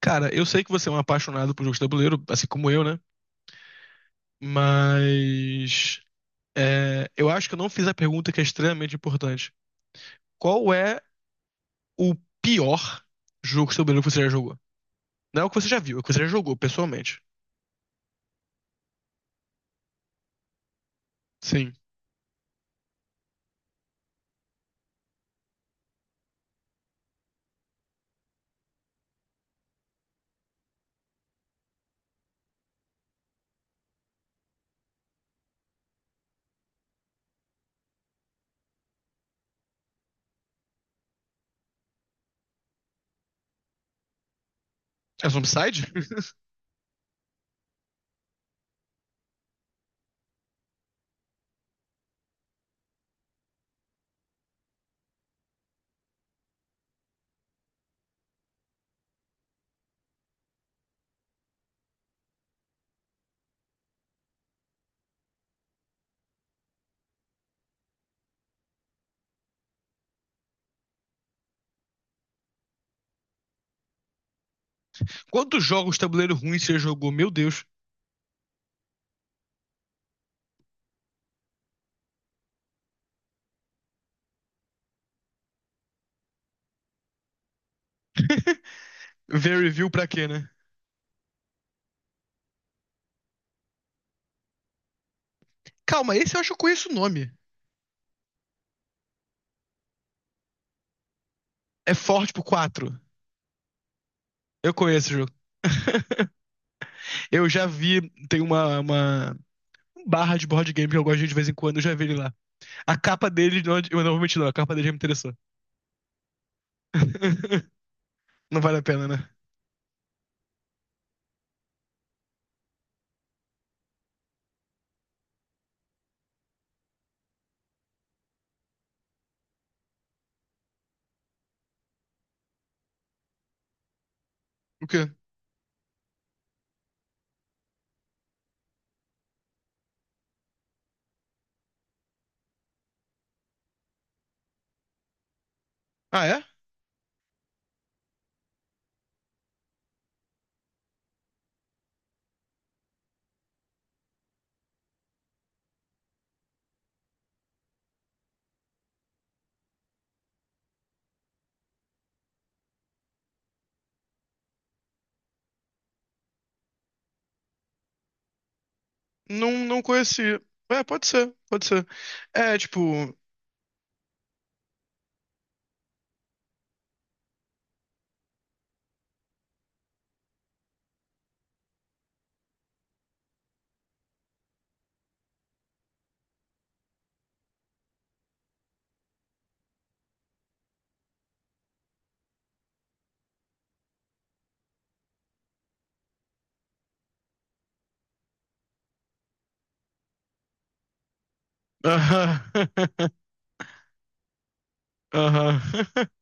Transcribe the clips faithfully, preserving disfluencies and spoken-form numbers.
Cara, eu sei que você é um apaixonado por jogos de tabuleiro, assim como eu, né? Mas é, eu acho que eu não fiz a pergunta que é extremamente importante. Qual é o pior jogo de tabuleiro que você já jogou? Não é o que você já viu, é o que você já jogou, pessoalmente. Sim. É Zombicide? Quantos jogos de tabuleiro ruins você já jogou? Meu Deus. Ver review pra quê, né? Calma, esse eu acho que eu conheço o nome. É Forte por quatro. Eu conheço o jogo. Eu já vi, tem uma, uma barra de board game que eu gosto de ir de vez em quando, eu já vi ele lá. A capa dele, não, eu não vou mentir, não. A capa dele já me interessou. Não vale a pena, né? O quê? Ah, é? Não, não conheci. É, pode ser, pode ser. É, tipo. Aham. Aham.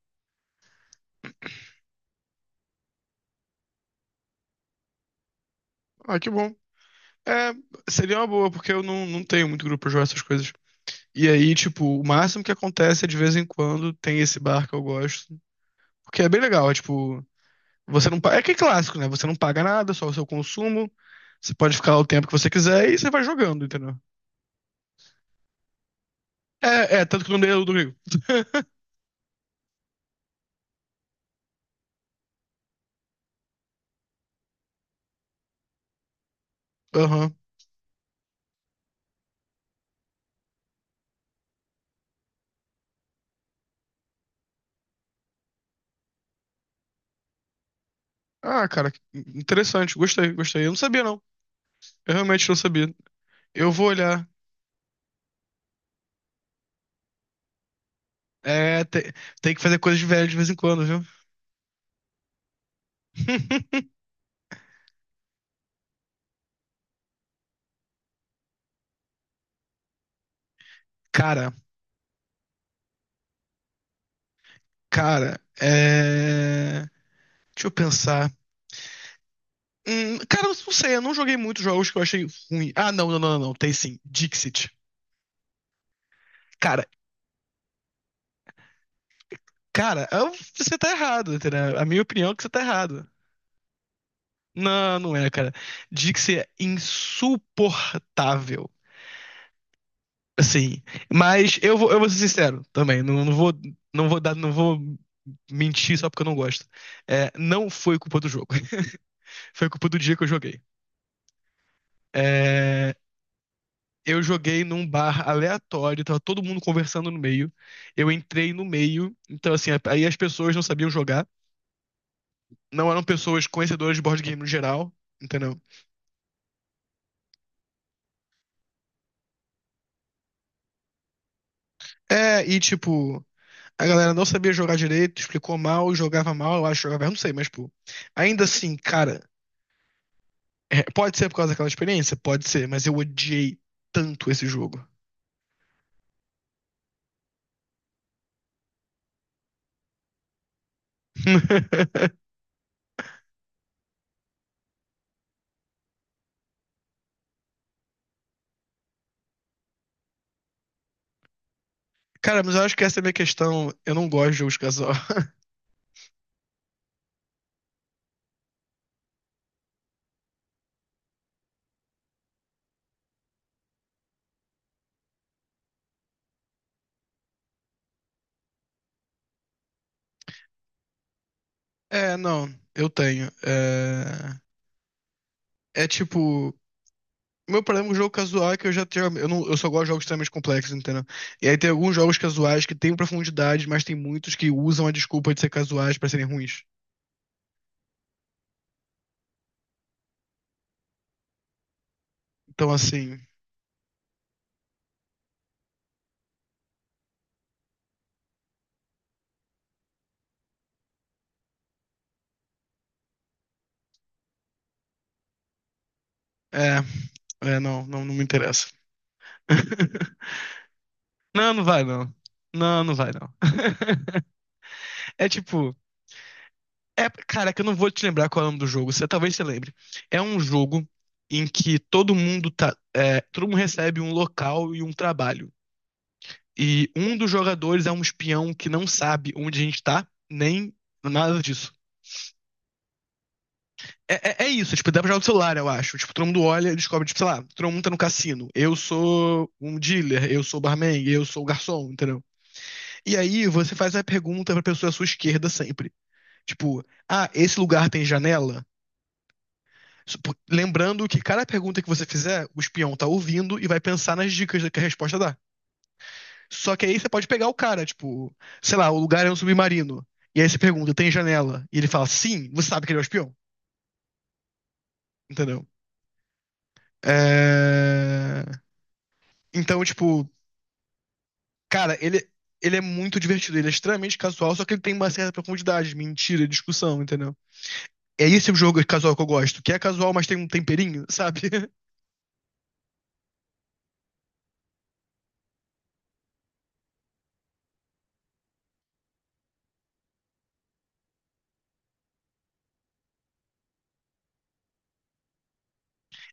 Ah, que bom. É, seria uma boa, porque eu não, não tenho muito grupo pra jogar essas coisas. E aí, tipo, o máximo que acontece é de vez em quando tem esse bar que eu gosto. Porque é bem legal, é tipo, você não paga. É que é clássico, né? Você não paga nada, só o seu consumo. Você pode ficar lá o tempo que você quiser e você vai jogando, entendeu? É, é, tanto que o nome dele é Ludwig. Aham. Ah, cara, que interessante. Gostei, gostei. Eu não sabia, não. Eu realmente não sabia. Eu vou olhar. É, te- Tem que fazer coisas de velho de vez em quando, viu? Cara, cara, é... deixa eu pensar. Hum, cara, eu não sei, eu não joguei muitos jogos que eu achei ruim. Ah, não, não, não, não, não, tem sim. Dixit. Cara, cara, eu- você tá errado, entendeu? É A minha opinião é que você tá errado. Não, não é, cara. Dixit é insuportável. Sim, mas eu vou, eu vou ser sincero também, não, não vou, não vou dar, não vou mentir só porque eu não gosto. É, não foi culpa do jogo, foi culpa do dia que eu joguei. É, eu joguei num bar aleatório, tava todo mundo conversando no meio, eu entrei no meio, então assim, aí as pessoas não sabiam jogar, não eram pessoas conhecedoras de board game no geral, entendeu? É, e tipo, a galera não sabia jogar direito, explicou mal, jogava mal, eu acho que jogava, eu não sei, mas pô, ainda assim, cara. É, pode ser por causa daquela experiência? Pode ser, mas eu odiei tanto esse jogo. Cara, mas eu acho que essa é a minha questão. Eu não gosto de jogos casual. É, não, eu tenho. É, é tipo. Meu problema com o jogo casual é que eu já tenho. Eu, não, eu só gosto de jogos extremamente complexos, entendeu? E aí tem alguns jogos casuais que têm profundidade, mas tem muitos que usam a desculpa de ser casuais pra serem ruins. Então, assim. É. É, não, não, não me interessa. Não, não vai, não. Não, não vai, não. É tipo. É, cara, que eu não vou te lembrar qual é o nome do jogo. Você, talvez você lembre. É um jogo em que todo mundo tá. é, todo mundo recebe um local e um trabalho. E um dos jogadores é um espião que não sabe onde a gente tá, nem nada disso. É, é, é isso, tipo, dá pra jogar no celular, eu acho. Tipo, todo mundo olha e descobre, tipo, sei lá, todo mundo tá no cassino. Eu sou um dealer, eu sou barman, eu sou garçom, entendeu? E aí você faz a pergunta pra pessoa à sua esquerda sempre. Tipo, ah, esse lugar tem janela? Supo- Lembrando que cada pergunta que você fizer, o espião tá ouvindo e vai pensar nas dicas que a resposta dá. Só que aí você pode pegar o cara, tipo, sei lá, o lugar é um submarino. E aí você pergunta, tem janela? E ele fala, sim, você sabe que ele é o espião, entendeu? É... Então, tipo, cara, ele, ele é muito divertido, ele é extremamente casual, só que ele tem uma certa profundidade, mentira, discussão, entendeu? É esse o jogo casual que eu gosto, que é casual, mas tem um temperinho, sabe?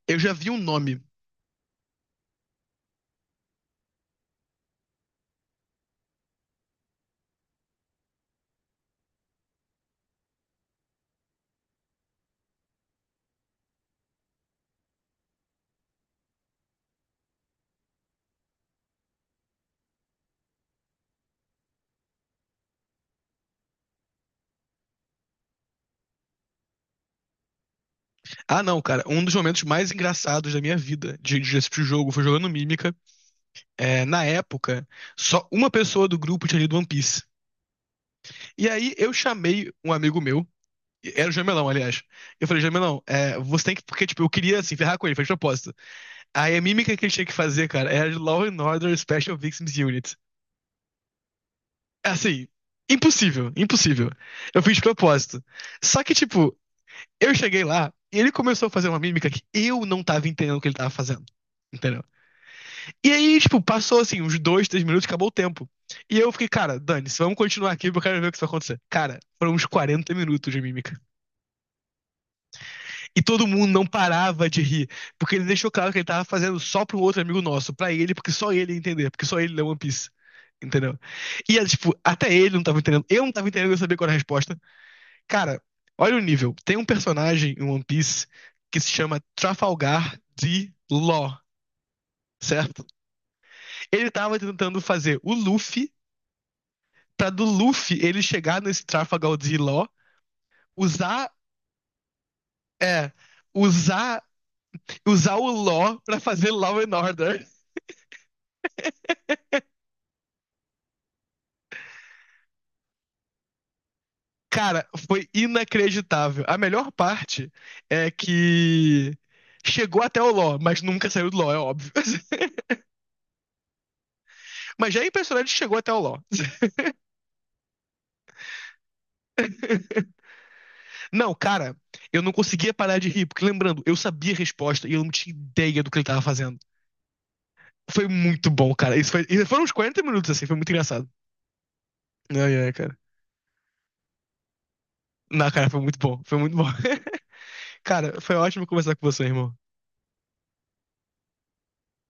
Eu já vi um nome. Ah, não, cara. Um dos momentos mais engraçados da minha vida de, de assistir o jogo foi jogando Mímica. É, na época, só uma pessoa do grupo tinha lido One Piece. E aí eu chamei um amigo meu, era o Jamelão, aliás. Eu falei, Jamelão, é, você tem que. Porque, tipo, eu queria, assim, ferrar com ele, foi de propósito. Aí a mímica que ele tinha que fazer, cara, era de Law and Order Special Victims Unit. Assim, impossível, impossível. Eu fiz de propósito. Só que, tipo, eu cheguei lá e ele começou a fazer uma mímica que eu não tava entendendo o que ele tava fazendo. Entendeu? E aí, tipo, passou assim, uns dois, três minutos, acabou o tempo. E eu fiquei, cara, dane-se, vamos continuar aqui porque eu quero ver o que isso vai acontecer. Cara, foram uns quarenta minutos de mímica. E todo mundo não parava de rir, porque ele deixou claro que ele tava fazendo só pra um outro amigo nosso, pra ele, porque só ele ia entender, porque só ele lê One Piece. Entendeu? E, é, tipo, até ele não tava entendendo. Eu não tava entendendo, eu sabia qual era a resposta. Cara, olha o nível. Tem um personagem em One Piece que se chama Trafalgar D. Law, certo? Ele tava tentando fazer o Luffy pra do Luffy ele chegar nesse Trafalgar de Law, usar. É. Usar, usar o Law pra fazer Law and Order. Cara, foi inacreditável. A melhor parte é que chegou até o Law, mas nunca saiu do Law, é óbvio. Mas já é impressionante que chegou até o Law. Não, cara, eu não conseguia parar de rir, porque lembrando, eu sabia a resposta e eu não tinha ideia do que ele tava fazendo. Foi muito bom, cara. Isso foi, isso foram uns quarenta minutos assim, foi muito engraçado. Ai, ai, cara. Não, cara, foi muito bom. Foi muito bom. Cara, foi ótimo conversar com você, irmão.